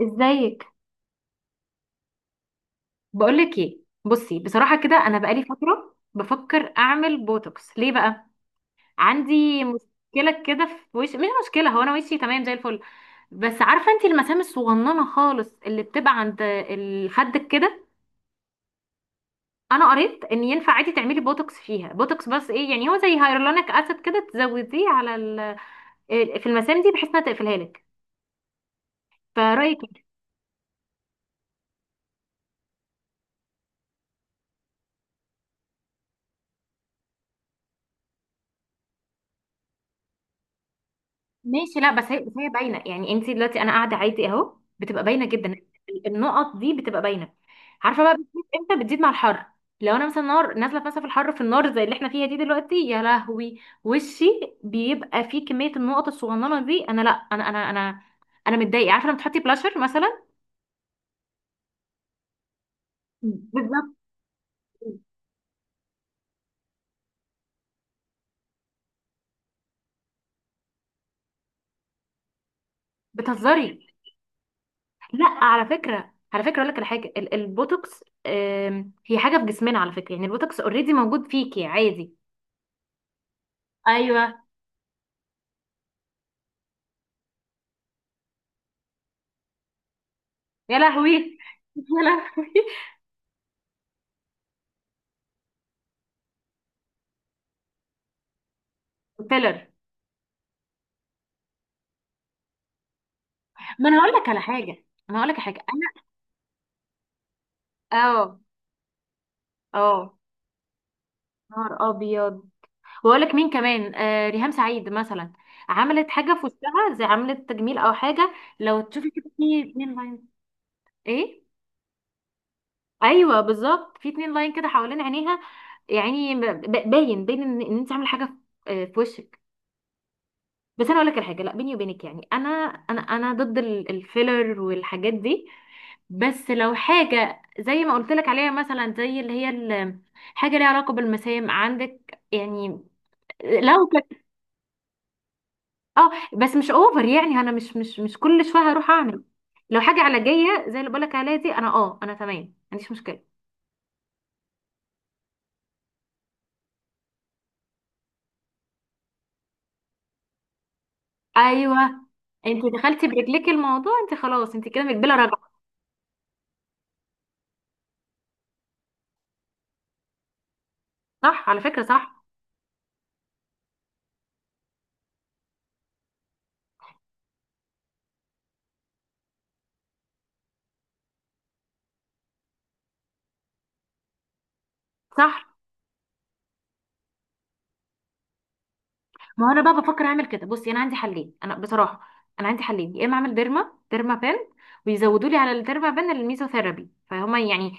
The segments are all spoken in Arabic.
ازيك؟ بقولك ايه، بصي، بصراحة كده انا بقالي فترة بفكر اعمل بوتوكس. ليه بقى؟ عندي مشكلة كده في وشي. مش مشكلة، هو انا وشي تمام زي الفل، بس عارفة انتي المسام الصغننة خالص اللي بتبقى عند الخد كده. انا قريت ان ينفع عادي تعملي بوتوكس فيها، بوتوكس بس ايه يعني، هو زي هيرولونيك اسيد كده تزوديه على ال... في المسام دي بحيث انها تقفلها لك. فرأيك؟ ماشي، لا بس هي باينه، يعني انت دلوقتي انا قاعده عادي اهو بتبقى باينه جدا. النقط دي بتبقى باينه. عارفه بقى بتزيد امتى؟ بتزيد مع الحر، لو انا مثلا نار نازله مثلا في الحر، في النار زي اللي احنا فيها دي دلوقتي، يا لهوي وشي بيبقى فيه كميه النقط الصغننه دي. انا لا، انا متضايقه، عارفه لما تحطي بلاشر مثلا. بالظبط. بتهزري؟ لا، على فكره، على فكره اقول لك على حاجه، البوتوكس، هي حاجه في جسمنا على فكره، يعني البوتوكس اوريدي موجود فيكي عادي. ايوه. يا لهوي يا لهوي. فيلر. ما انا هقول لك على حاجه، انا هقول لك على حاجه انا. اه، اه، نهار ابيض. واقول لك مين كمان، آه ريهام سعيد مثلا، عملت حاجه في وشها، زي عملت تجميل او حاجه. لو تشوفي كده في اتنين لاين. ايه؟ ايوه، بالظبط في اتنين لاين كده حوالين عينيها. يعني باين إن انت عامله حاجه في، في وشك. بس انا اقول لك الحاجه، لا بيني وبينك يعني، انا، انا ضد الفيلر والحاجات دي. بس لو حاجه زي ما قلت لك عليها مثلا، زي اللي هي حاجه ليها علاقه بالمسام عندك يعني، لو كانت. اه بس مش اوفر، يعني انا مش كل شويه هروح اعمل. لو حاجه علاجيه زي اللي بقول لك عليها دي، انا، انا تمام، ما عنديش مشكله. ايوه. انت دخلتي برجلك الموضوع، انت خلاص انت كده مقبله راجعه. صح على فكره، صح. صح. ما هو انا بقى بفكر اعمل كده. بصي انا عندي حلين. انا بصراحه انا عندي حلين، يا اما اعمل ديرما، ديرما بان، ويزودوا لي على الديرما بان الميزوثيرابي، فهما يعني.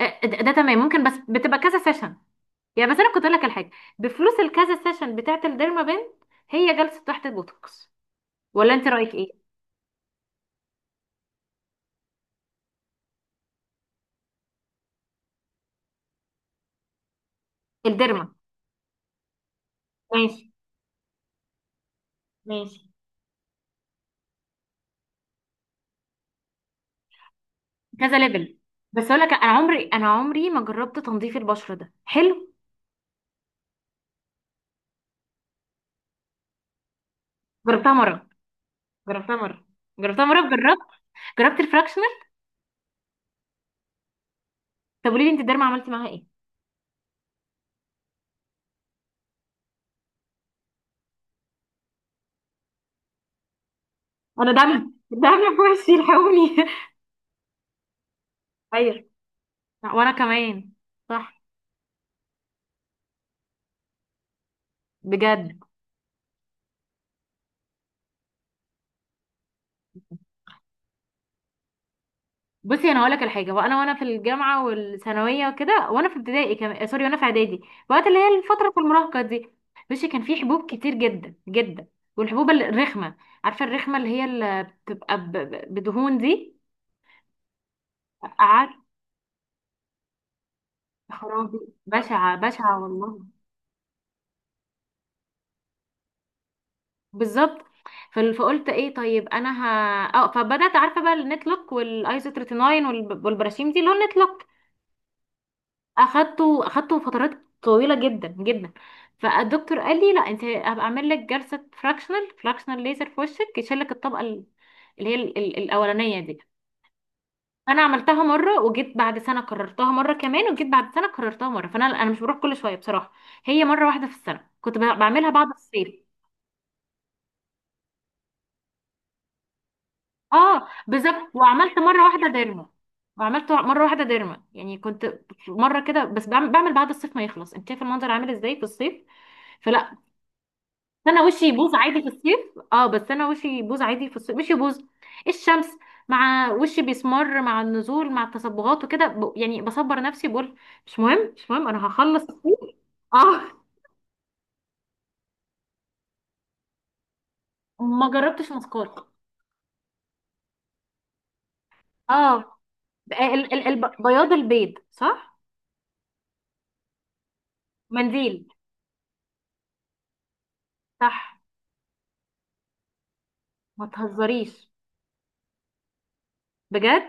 ده تمام، ممكن، بس بتبقى كذا سيشن يعني. بس انا كنت اقول لك الحاجه، بفلوس الكذا سيشن بتاعه الديرما بان هي جلسه تحت البوتوكس. ولا انت رايك ايه؟ الديرما. ماشي ماشي، كذا ليفل. بس اقول لك، انا عمري، انا عمري ما جربت تنظيف البشره، ده حلو. جربتها مره جربتها مره جربتها مره، جربت الفراكشنر. طب قولي لي انت الديرما عملتي معاها ايه؟ انا دم، دم في وشي الحقوني. ايوه، وانا كمان. صح. بجد. بصي انا هقول لك الحاجه، وانا في الجامعه والثانويه وكده، وانا في ابتدائي كمان، سوري، وانا في اعدادي، وقت اللي هي الفتره في المراهقه دي. بصي كان في حبوب كتير جدا جدا، والحبوب الرخمه، عارفه الرخمه اللي هي اللي بتبقى بدهون دي. عارفه؟ خرابي، بشعه بشعه والله. بالظبط. فقلت ايه طيب، انا ه... اه فبدات عارفه بقى النتلوك والايزوتريتيناين والبراشيم دي، اللون نتلوك. اخدته فترات طويله جدا جدا. فالدكتور قال لي لا انت هبقى اعمل لك جلسه فراكشنال ليزر في وشك، يشيل لك الطبقه اللي هي الاولانيه دي. انا عملتها مره وجيت بعد سنه كررتها مره كمان، وجيت بعد سنه كررتها مره. فانا مش بروح كل شويه بصراحه، هي مره واحده في السنه كنت بعملها بعد الصيف. اه، بالظبط، وعملت مره واحده ديرما. وعملت مره واحده ديرما يعني، كنت مره كده، بس بعمل بعد الصيف ما يخلص، انت شايفه المنظر عامل ازاي في الصيف؟ فلا. بس انا وشي يبوظ عادي في الصيف. اه بس انا وشي يبوظ عادي في الصيف، مش يبوظ الشمس مع وشي، بيسمر، مع النزول مع التصبغات وكده، يعني بصبر نفسي، بقول مش مهم، مش مهم، انا هخلص الصيف. اه. ما جربتش مسكار. اه، بياض البيض صح. منديل. صح. ما تهزريش، بجد.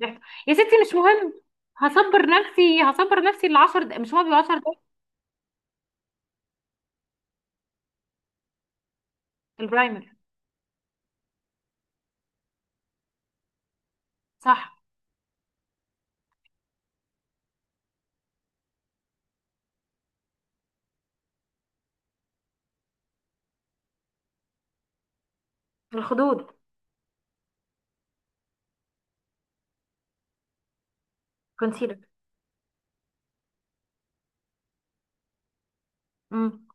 ضحك. يا ستي مش مهم. هصبر نفسي العشر دقايق، مش هو بيبقى 10 دقايق. البرايمر. صح. الخدود. كونسيلر. امم،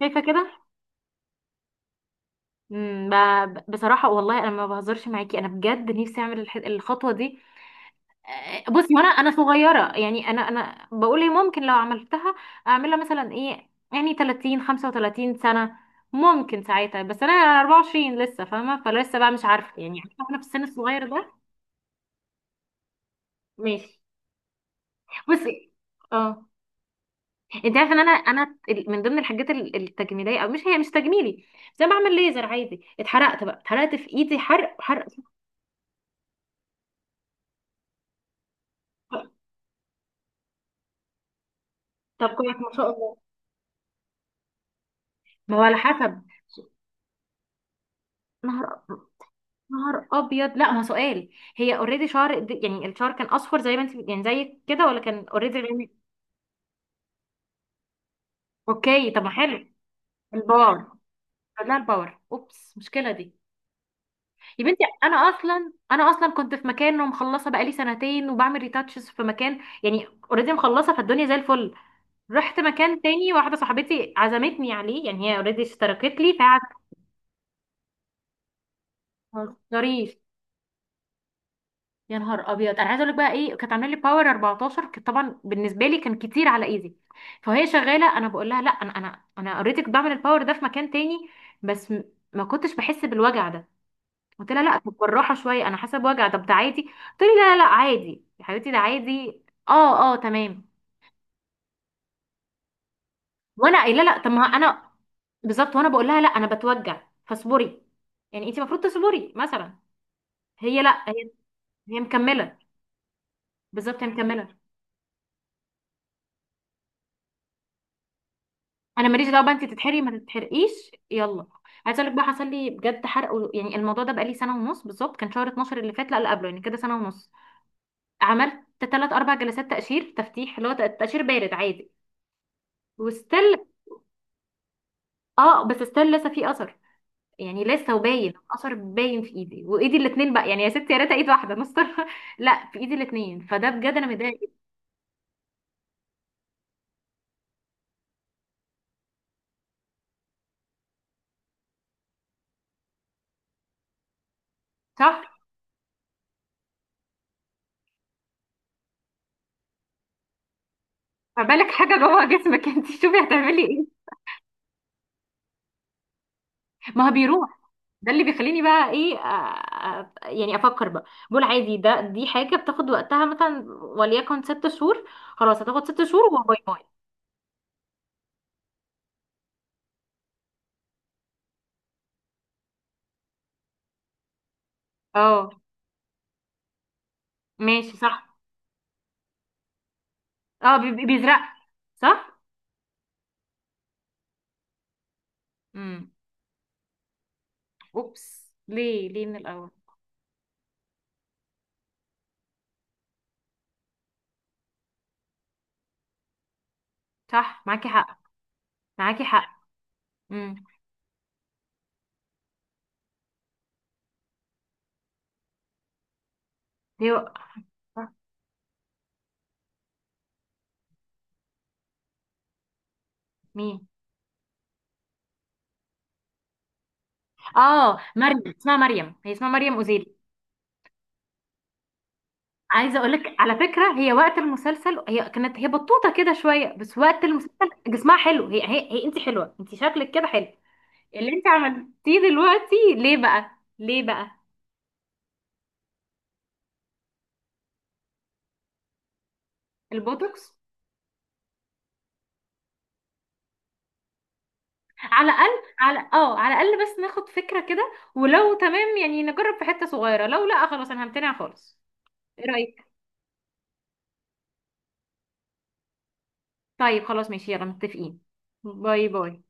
شايفه كده. امم، بصراحه والله انا ما بهزرش معاكي، انا بجد نفسي اعمل الخطوه دي. بصي وانا صغيره يعني، انا بقول ايه، ممكن لو عملتها اعملها مثلا ايه يعني 30 35 سنه، ممكن ساعتها، بس انا 24 لسه، فاهمه؟ فلسه بقى مش عارفه يعني، عارفه احنا في السن الصغير ده. ماشي. بصي. اه. انت عارف ان انا، انا من ضمن الحاجات التجميليه، او مش، هي مش تجميلي، بس انا بعمل ليزر عادي. اتحرقت بقى، اتحرقت في ايدي حرق حرق. طب كويس، ما شاء الله. ما هو على حسب. نهار نهار ابيض، لا ما هو سؤال. هي اوريدي شعر، يعني الشعر كان اصفر زي ما انت يعني زي كده، ولا كان اوريدي غني؟ اوكي طب ما حلو. الباور. لا الباور، اوبس، مشكله دي. يا بنتي، انا اصلا، كنت في مكان ومخلصه بقالي سنتين، وبعمل ريتاتشز في مكان يعني اوريدي مخلصه، فالدنيا زي الفل. رحت مكان تاني، واحدة صاحبتي عزمتني عليه، يعني هي اوريدي اشتركت لي. فمتهزريش يا نهار ابيض، انا عايزه اقول لك بقى ايه، كانت عامله لي باور 14، كانت طبعا بالنسبه لي كان كتير على ايدي. فهي شغاله، انا بقول لها لا، انا، انا اوريدي كنت بعمل الباور ده في مكان تاني، بس ما كنتش بحس بالوجع ده. قلت لها لا، طب بالراحه شويه انا حاسه بوجع، طب ده عادي؟ قلت لي لا لا لا عادي يا حبيبتي، ده عادي. اه، اه، تمام. وانا قايله لا، طب ما انا، بالظبط وانا بقول لها لا انا بتوجع فاصبري، يعني انت المفروض تصبري مثلا. هي لا، هي، هي مكمله. بالظبط، هي مكمله. انا ماليش دعوه بقى، انت تتحرقي ما تتحرقيش، يلا. عايزه اقول لك بقى، حصل لي بجد حرق يعني، الموضوع ده بقى لي سنه ونص بالظبط، كان شهر 12 اللي فات، لا اللي قبله، يعني كده سنه ونص. عملت 3 4 جلسات تقشير تفتيح، اللي هو تقشير بارد عادي. وستيل، اه بس ستيل لسه في اثر، يعني لسه، وباين الاثر، باين في ايدي وايدي الاتنين بقى، يعني يا ستي يا ريت ايد واحده مستر. لا في ايدي الاتنين، فده بجد انا متضايقه جداً. صح. فبالك حاجه جوه جسمك، انت شوفي هتعملي ايه. ما هو بيروح. ده اللي بيخليني بقى ايه، يعني افكر بقى، بقول عادي ده، حاجه بتاخد وقتها مثلا وليكن ست شهور، خلاص هتاخد ست شهور وباي باي. اه، ماشي، صح. اه، بيزرق. صح. امم. اوبس، ليه ليه من الاول؟ صح، معاكي حق، معاكي حق. امم. ليه؟ مين؟ اه مريم، اسمها مريم، هي اسمها مريم أوزيل. عايزه اقول لك على فكره، هي وقت المسلسل هي كانت، هي بطوطه كده شويه، بس وقت المسلسل جسمها حلو، هي انت حلوه، انت شكلك كده حلو. اللي انت عملتيه دلوقتي ليه بقى؟ ليه بقى؟ البوتوكس. على الاقل. على، على الاقل بس ناخد فكره كده، ولو تمام يعني نجرب في حته صغيره، لو لا خلاص انا همتنع خالص. ايه رايك؟ طيب خلاص ماشي، يلا متفقين. باي باي.